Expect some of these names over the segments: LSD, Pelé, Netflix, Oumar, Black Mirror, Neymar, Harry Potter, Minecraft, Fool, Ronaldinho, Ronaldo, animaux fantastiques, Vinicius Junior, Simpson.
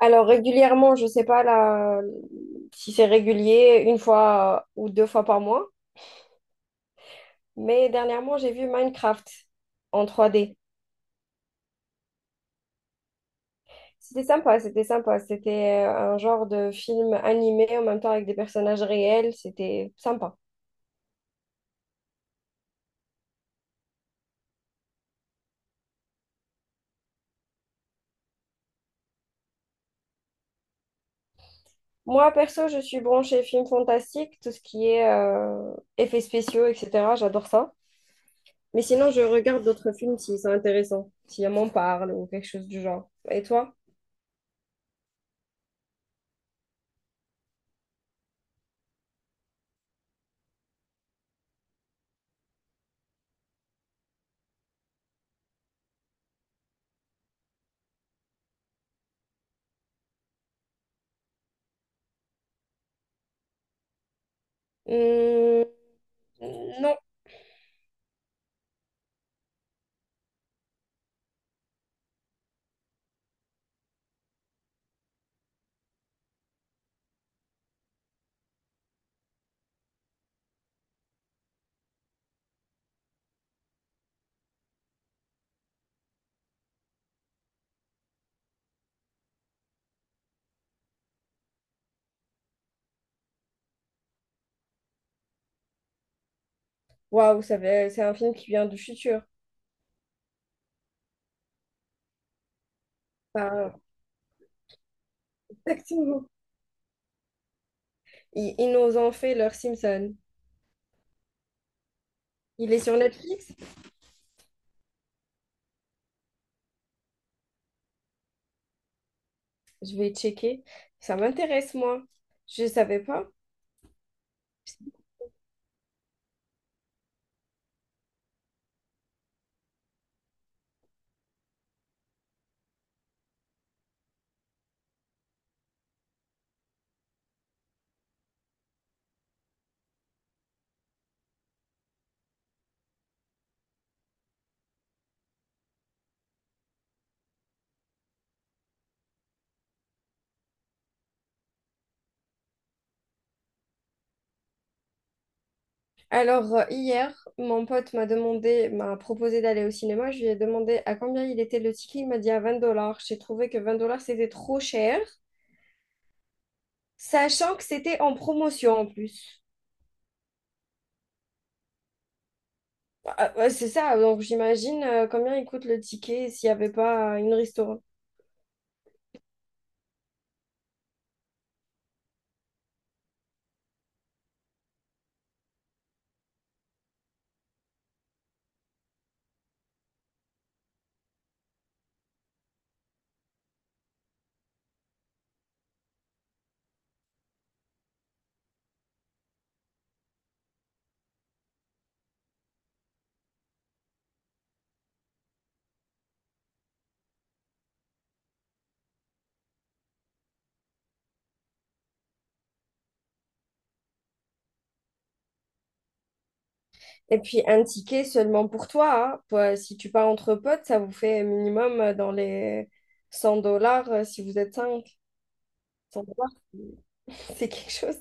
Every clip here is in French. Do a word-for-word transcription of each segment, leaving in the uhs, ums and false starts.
Alors régulièrement, je sais pas là, si c'est régulier, une fois euh, ou deux fois par mois, mais dernièrement, j'ai vu Minecraft en trois d. C'était sympa, c'était sympa. C'était euh, un genre de film animé en même temps avec des personnages réels. C'était sympa. Moi, perso, je suis branchée film fantastique, tout ce qui est euh, effets spéciaux, et cetera. J'adore ça. Mais sinon, je regarde d'autres films s'ils sont intéressants, si on m'en parle ou quelque chose du genre. Et toi? Hum. Non. Waouh, ça fait- c'est un film qui vient du futur. Enfin, exactement. ils, ils nous ont fait leur Simpson. Il est sur Netflix? Je vais checker. Ça m'intéresse, moi. Je savais pas. Alors, euh, hier, mon pote m'a demandé, m'a proposé d'aller au cinéma. Je lui ai demandé à combien il était le ticket. Il m'a dit à vingt dollars. J'ai trouvé que vingt dollars, c'était trop cher. Sachant que c'était en promotion en plus. Ah, ouais, c'est ça, donc j'imagine euh, combien il coûte le ticket s'il n'y avait pas euh, une restaurant. Et puis un ticket seulement pour toi, hein. Toi, si tu pars entre potes, ça vous fait minimum euh, dans les cent dollars euh, si vous êtes cinq. cent dollars, c'est c'est quelque chose.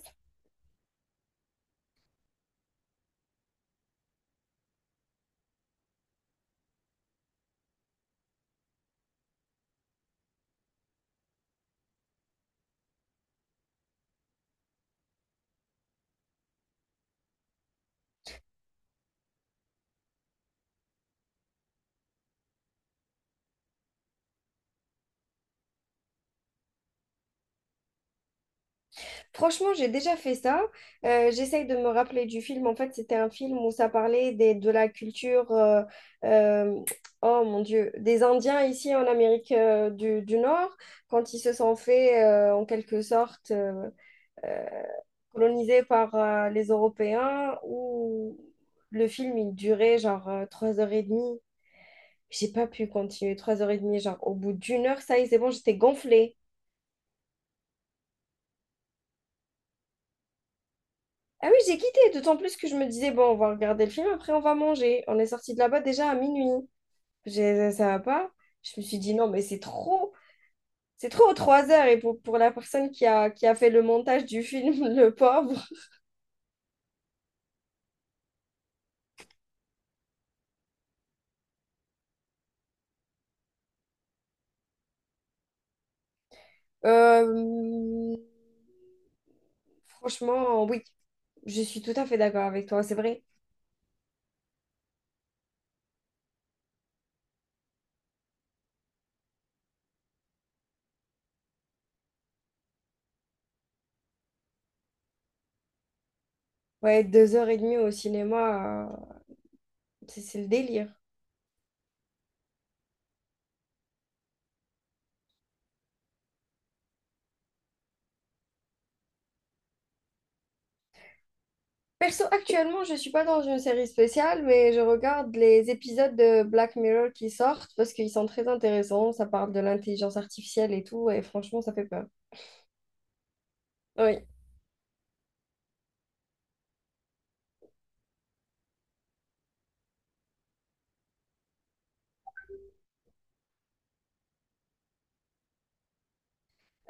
Franchement, j'ai déjà fait ça. Euh, j'essaye de me rappeler du film. En fait, c'était un film où ça parlait des, de la culture, euh, euh, oh mon Dieu, des Indiens ici en Amérique euh, du, du Nord, quand ils se sont fait euh, en quelque sorte euh, euh, colonisés par euh, les Européens, où le film il durait genre euh, trois heures et demie. J'ai pas pu continuer trois heures et demie, genre au bout d'une heure, ça y est, c'est bon, j'étais gonflée. Ah oui, j'ai quitté, d'autant plus que je me disais, bon, on va regarder le film, après on va manger. On est sorti de là-bas déjà à minuit. J'ai- ça va pas. Je me suis dit, non, mais c'est trop, c'est trop, trois heures. Et pour, pour la personne qui a, qui a fait le montage du film, le pauvre. Euh, franchement, oui, je suis tout à fait d'accord avec toi, c'est vrai. Ouais, deux heures et demie au cinéma, euh, c'est c'est le délire. Perso, actuellement, je suis pas dans une série spéciale, mais je regarde les épisodes de Black Mirror qui sortent parce qu'ils sont très intéressants. Ça parle de l'intelligence artificielle et tout, et franchement, ça fait peur. Oui.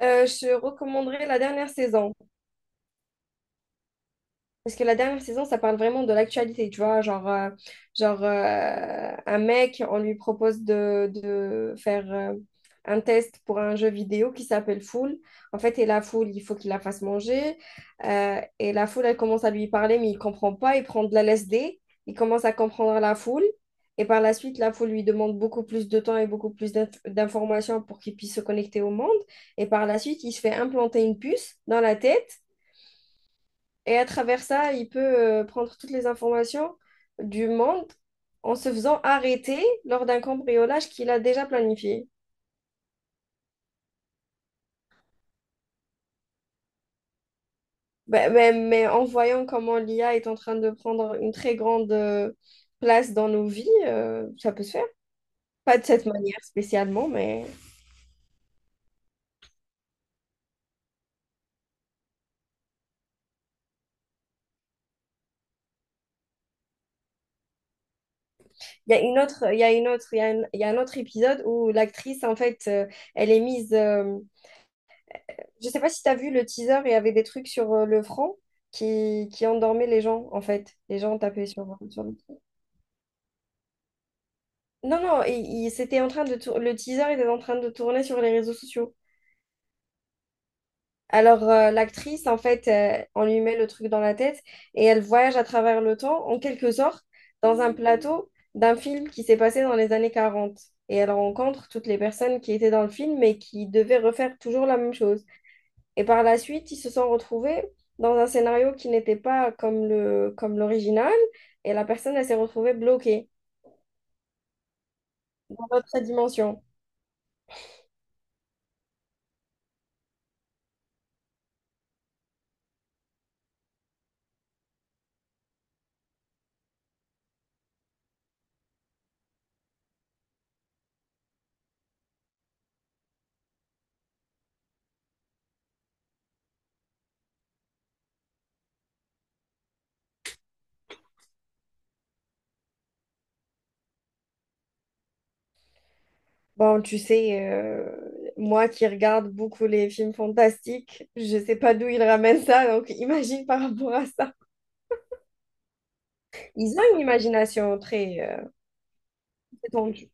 Euh, je recommanderais la dernière saison. Parce que la dernière saison, ça parle vraiment de l'actualité, tu vois, genre, euh, genre euh, un mec, on lui propose de, de faire euh, un test pour un jeu vidéo qui s'appelle Fool. En fait, et la foule, il faut qu'il la fasse manger. Euh, et la foule, elle commence à lui parler, mais il comprend pas, il prend de la L S D, il commence à comprendre la foule. Et par la suite, la foule lui demande beaucoup plus de temps et beaucoup plus d'inf- d'informations pour qu'il puisse se connecter au monde. Et par la suite, il se fait implanter une puce dans la tête. Et à travers ça, il peut euh, prendre toutes les informations du monde en se faisant arrêter lors d'un cambriolage qu'il a déjà planifié. Ben- ben- mais en voyant comment l'I A est en train de prendre une très grande euh, place dans nos vies, euh, ça peut se faire. Pas de cette manière spécialement, mais il y a une autre, il y a une autre, il y a un, il y a un autre épisode où l'actrice, en fait, euh, elle est mise. Euh, je sais pas si tu as vu le teaser, il y avait des trucs sur euh, le front qui, qui endormaient les gens, en fait. Les gens tapaient sur, sur le. Non, non, il, il- c'était en train de tour- le teaser était en train de tourner sur les réseaux sociaux. Alors, euh, l'actrice, en fait, euh, on lui met le truc dans la tête et elle voyage à travers le temps, en quelque sorte, dans un plateau d'un film qui s'est passé dans les années quarante. Et elle rencontre toutes les personnes qui étaient dans le film et qui devaient refaire toujours la même chose. Et par la suite, ils se sont retrouvés dans un scénario qui n'était pas comme le, comme l'original et la personne, elle s'est retrouvée bloquée dans l'autre dimension. Bon, tu sais, euh, moi qui regarde beaucoup les films fantastiques, je sais pas d'où ils ramènent ça, donc imagine par rapport à ça. Ils ont une imagination très euh, étendue.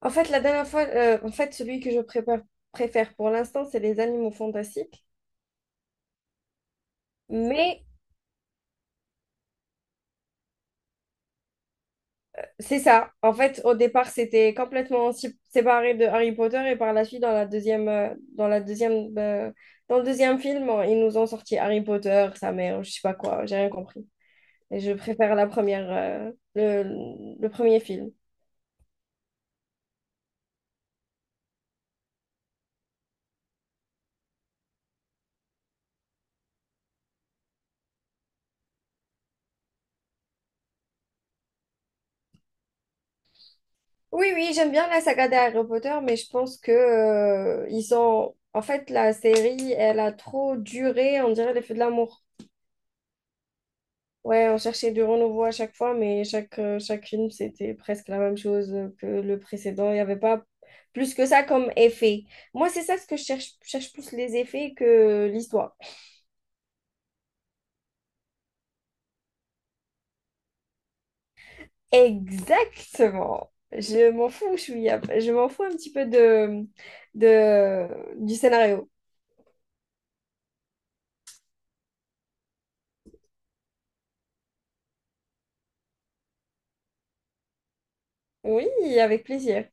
En fait, la dernière fois, euh, en fait, celui que je prépare- préfère pour l'instant, c'est les animaux fantastiques. Mais c'est ça. En fait, au départ, c'était complètement si- séparé de Harry Potter et par la suite, dans la deuxième, euh, dans la deuxième, euh, dans le deuxième film, ils nous ont sorti Harry Potter, sa mère, je sais pas quoi, j'ai rien compris. Et je préfère la première, euh, le, le premier film. Oui, oui, j'aime bien la saga des Harry Potter, mais je pense que, euh, ils ont... En fait, la série, elle a trop duré, on dirait les feux de l'amour. Ouais, on cherchait du renouveau à chaque fois, mais chaque, euh, chaque film, c'était presque la même chose que le précédent. Il n'y avait pas plus que ça comme effet. Moi, c'est ça ce que je cherche. Je cherche plus les effets que l'histoire. Exactement. Je m'en fous, je suis- je m'en fous un petit peu de, de, du scénario. Oui, avec plaisir.